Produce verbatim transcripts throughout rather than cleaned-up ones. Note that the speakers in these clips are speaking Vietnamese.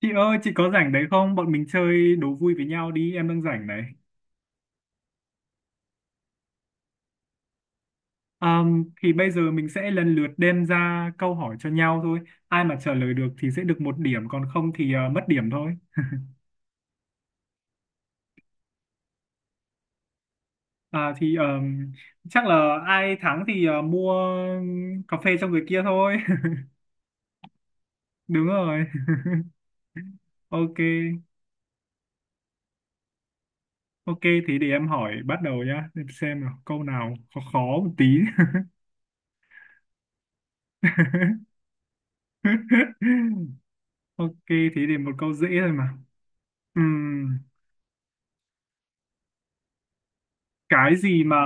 Chị ơi, chị có rảnh đấy không? Bọn mình chơi đố vui với nhau đi, em đang rảnh này. Ờm, thì bây giờ mình sẽ lần lượt đem ra câu hỏi cho nhau thôi. Ai mà trả lời được thì sẽ được một điểm, còn không thì ờ, mất điểm thôi. À, thì ờm, chắc là ai thắng thì ờ, mua cà phê cho người kia thôi. Đúng rồi. Ok, ok thì để em hỏi bắt đầu nhá. Để xem nào, câu nào khó khó một tí. Ok, thì để một câu dễ thôi mà. Ừm. Cái gì mà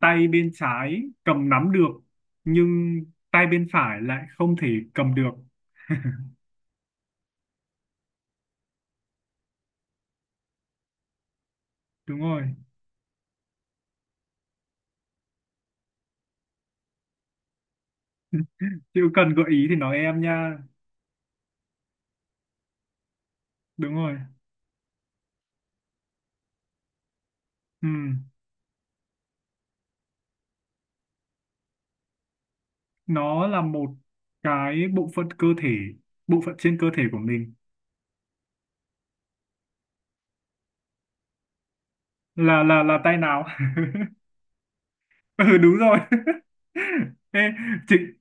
tay bên trái cầm nắm được nhưng tay bên phải lại không thể cầm được? đúng rồi, chịu cần gợi ý thì nói em nha. Đúng rồi. Ừ. Nó là một cái bộ phận cơ thể, bộ phận trên cơ thể của mình. Là là là tay nào? ừ, đúng rồi. Ê, chính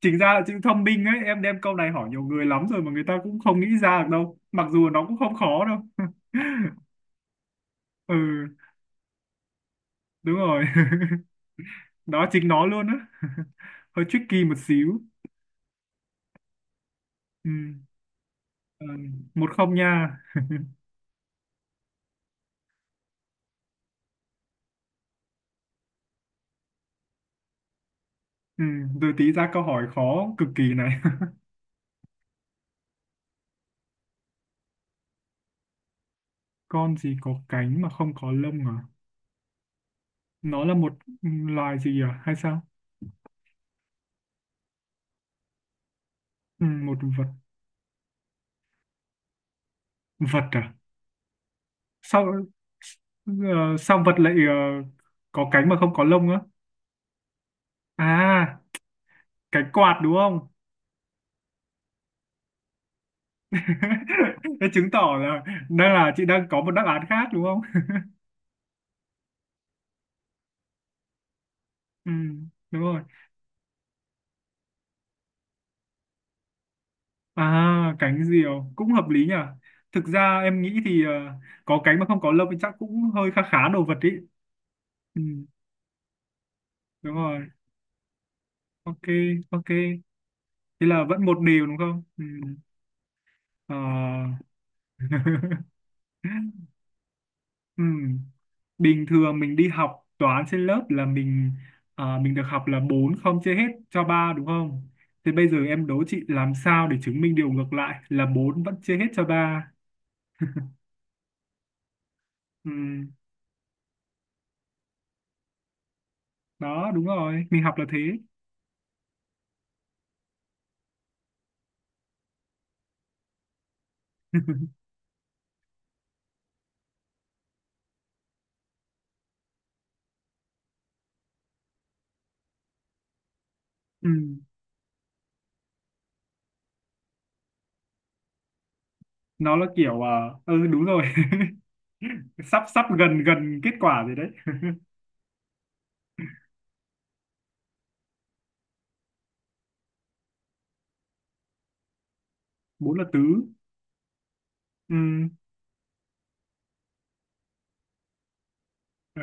chính ra là chữ thông minh ấy, em đem câu này hỏi nhiều người lắm rồi mà người ta cũng không nghĩ ra được đâu, mặc dù nó cũng không khó đâu. ừ, đúng rồi. đó chính nó luôn á. hơi tricky một xíu. Ừ. Ừ. Một không nha. ừ. Rồi tí ra câu hỏi khó cực kỳ này. con gì có cánh mà không có lông à? Nó là một loài gì à hay sao? Ừ, một vật. Vật à? Sao ờ, sao vật lại ờ, có cánh mà không có lông á? À, cái quạt đúng không? thế chứng tỏ là đang là chị đang có một đáp án khác đúng không? ừ, đúng rồi. À, cánh diều cũng hợp lý nhỉ. Thực ra em nghĩ thì ờ, có cánh mà không có lông thì chắc cũng hơi khá khá đồ vật ý. Ừ, đúng rồi. Ok, ok. Thế là vẫn một điều đúng không? Ừ. Ờ. ừ. Bình thường mình đi học toán trên lớp là mình ờ, mình được học là bốn không chia hết cho ba đúng không? Thế bây giờ em đố chị làm sao để chứng minh điều ngược lại là bốn vẫn chia hết cho ba. Ừ. Đó, đúng rồi. Mình học là thế. ừ. Nó là kiểu à, ừ đúng rồi. sắp sắp gần gần kết quả rồi đấy. bốn là tứ. Ừ. Ờ.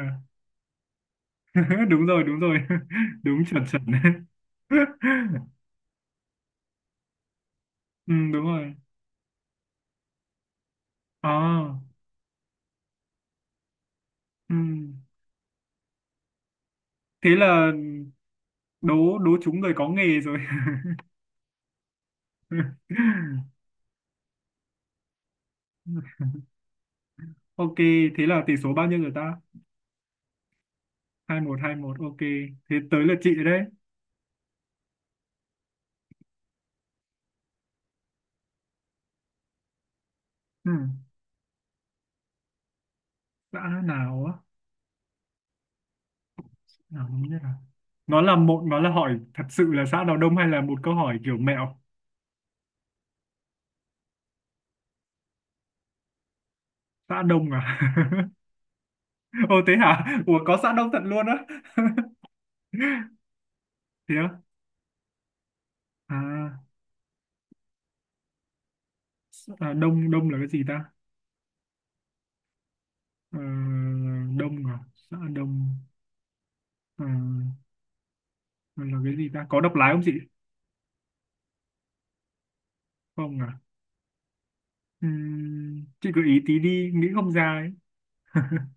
đúng rồi, đúng rồi. đúng chuẩn chuẩn. ừ, đúng rồi. À, ừ. Thế là đố đố chúng người có nghề rồi. ok, thế là tỷ số bao nhiêu rồi ta? Hai một. Hai một, ok. Thế tới lượt chị đấy. Ừ. Đã nào á? Nào, không biết à. Nó là một nó là hỏi thật sự là xã nào đông hay là một câu hỏi kiểu mẹo? Xã đông à? Ô thế hả? Ủa có xã đông thật luôn á. Thế á? À, à đông đông là cái gì ta? Ờ, đông à? Xã đông. Ờ, là cái gì ta? Có độc lái không chị? Không à? Ừm, chị gợi ý tí đi, nghĩ không ra ấy.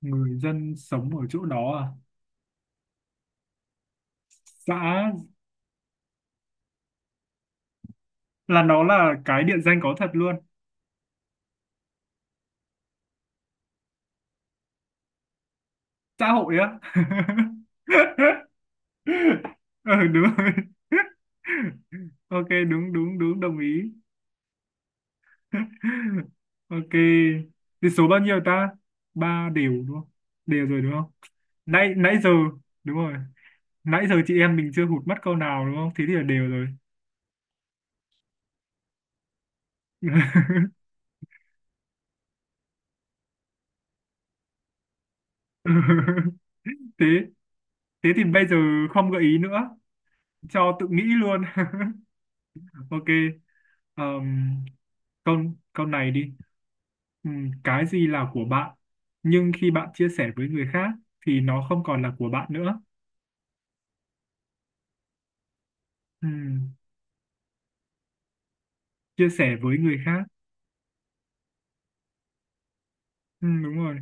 Người dân sống ở chỗ đó à? Xã là nó là cái địa danh có thật luôn. Xã hội á. ừ, đúng rồi. ok, đúng đúng đúng, đồng ý. ok, thì số bao nhiêu ta? Ba đều đúng không? Đều rồi đúng không? Nãy nãy giờ đúng rồi, nãy giờ chị em mình chưa hụt mất câu nào đúng không, thế thì là đều rồi. thế thế thì bây giờ không gợi ý nữa, cho tự nghĩ luôn. ok. Ờm, câu câu này đi. Ừm, cái gì là của bạn nhưng khi bạn chia sẻ với người khác thì nó không còn là của bạn nữa. Ừm, Chia sẻ với người khác. Ừm, đúng rồi.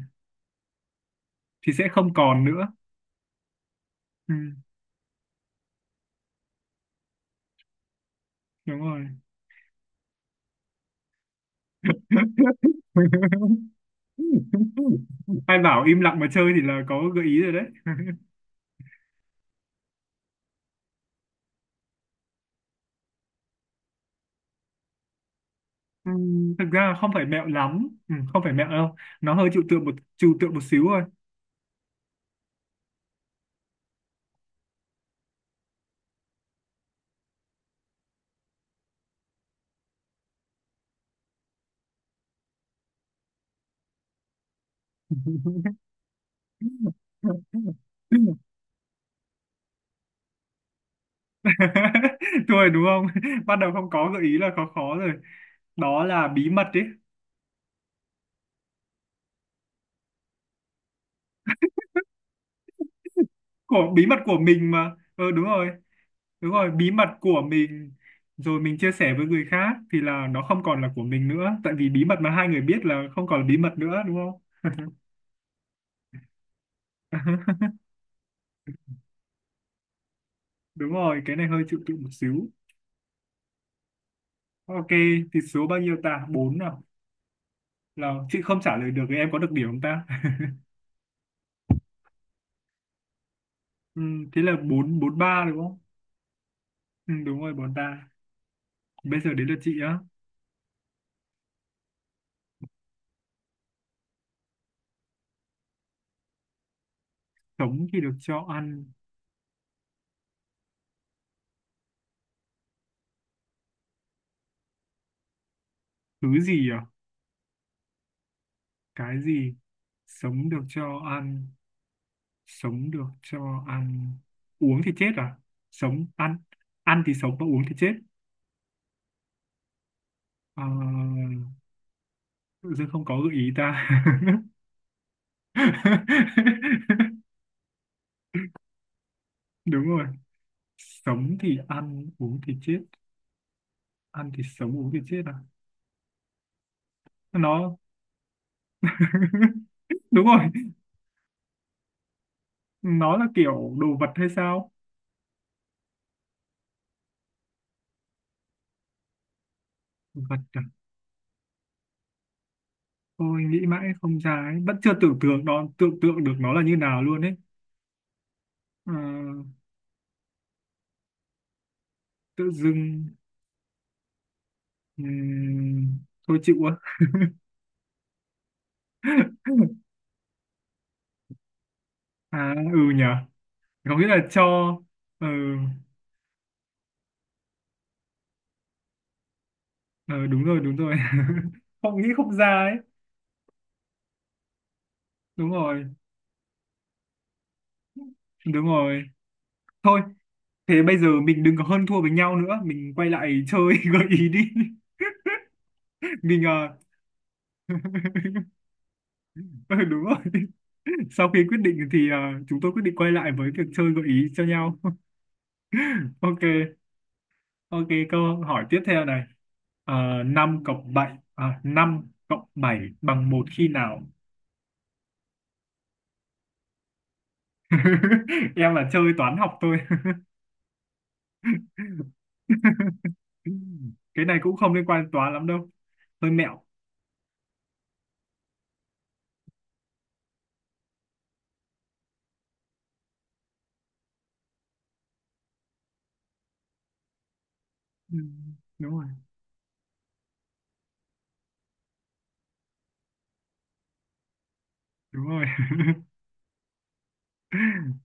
Thì sẽ không còn nữa. Ừm, đúng rồi. Ai bảo im lặng mà chơi thì là có gợi ý rồi đấy. Ừm, thực ra không phải mẹo lắm, Ừm, không phải mẹo đâu. Nó hơi trừu tượng một trừu tượng một xíu thôi. thua rồi đúng không? bắt đầu không có gợi ý là khó khó rồi. Đó là bí mật đấy. Của bí mật của mình mà, ừ, đúng rồi, đúng rồi. Bí mật của mình, rồi mình chia sẻ với người khác thì là nó không còn là của mình nữa, tại vì bí mật mà hai người biết là không còn là bí mật nữa đúng không? đúng rồi, cái này hơi chịu tụi một xíu. Ok, thì số bao nhiêu ta? Bốn nào. Là chị không trả lời được thì em có được điểm không ta? ừ, thế là bốn bốn ba đúng không? Ừ, đúng rồi. Bốn ta. Bây giờ đến lượt chị á. Sống thì được cho ăn. Thứ gì à? Cái gì? Sống được cho ăn. Sống được cho ăn. Uống thì chết à? Sống, ăn. Ăn thì sống và uống thì chết. À, tự dưng không có gợi ý ta. Đúng rồi. Sống thì ăn, uống thì chết. Ăn thì sống, uống thì chết à? Nó, đúng rồi. Nó là kiểu đồ vật hay sao? Vật à? Tôi nghĩ mãi không ra ấy. Vẫn chưa tưởng tượng nó tưởng tượng được nó là như nào luôn ấy. Ờ, tự dưng ừm, thôi chịu quá. À, ừ nhở. Có nghĩa là cho, ừ, ừ đúng rồi, đúng rồi. Không nghĩ không ra ấy. Đúng rồi. Đúng rồi. Thôi, thế bây giờ mình đừng có hơn thua với nhau nữa, mình quay lại chơi gợi ý đi. Mình ờ, ừ, đúng rồi. Sau khi quyết định thì ờ, chúng tôi quyết định quay lại với việc chơi gợi ý cho nhau. Ok. Ok, câu hỏi tiếp theo này. Ờ, năm cộng bảy à, năm cộng bảy bằng một khi nào? Em là chơi toán học thôi. Cái này cũng không liên quan đến toán lắm đâu. Hơi mẹo. Ừ, đúng rồi, đúng rồi.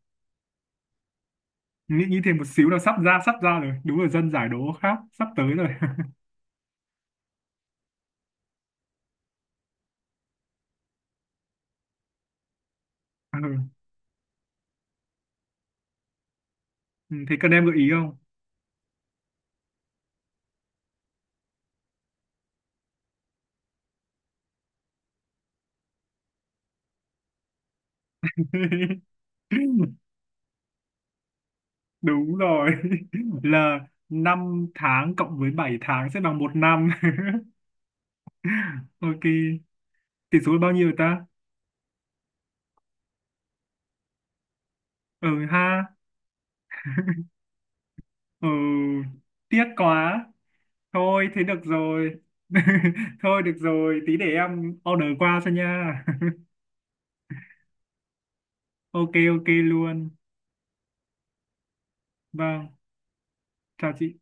Nghĩ nghĩ thêm một xíu là sắp ra, sắp ra rồi. Đúng rồi, dân giải đố khác sắp tới rồi. Ừ. Ừ, thế cần em gợi ý không? Đúng rồi. Là năm tháng cộng với bảy tháng sẽ bằng một năm. Ok. Tỷ số là bao nhiêu ta? Ừ ha. Ừ, tiếc quá. Thôi thế được rồi. thôi được rồi, tí để em order qua cho nha. ok, ok luôn. Vâng, chào chị.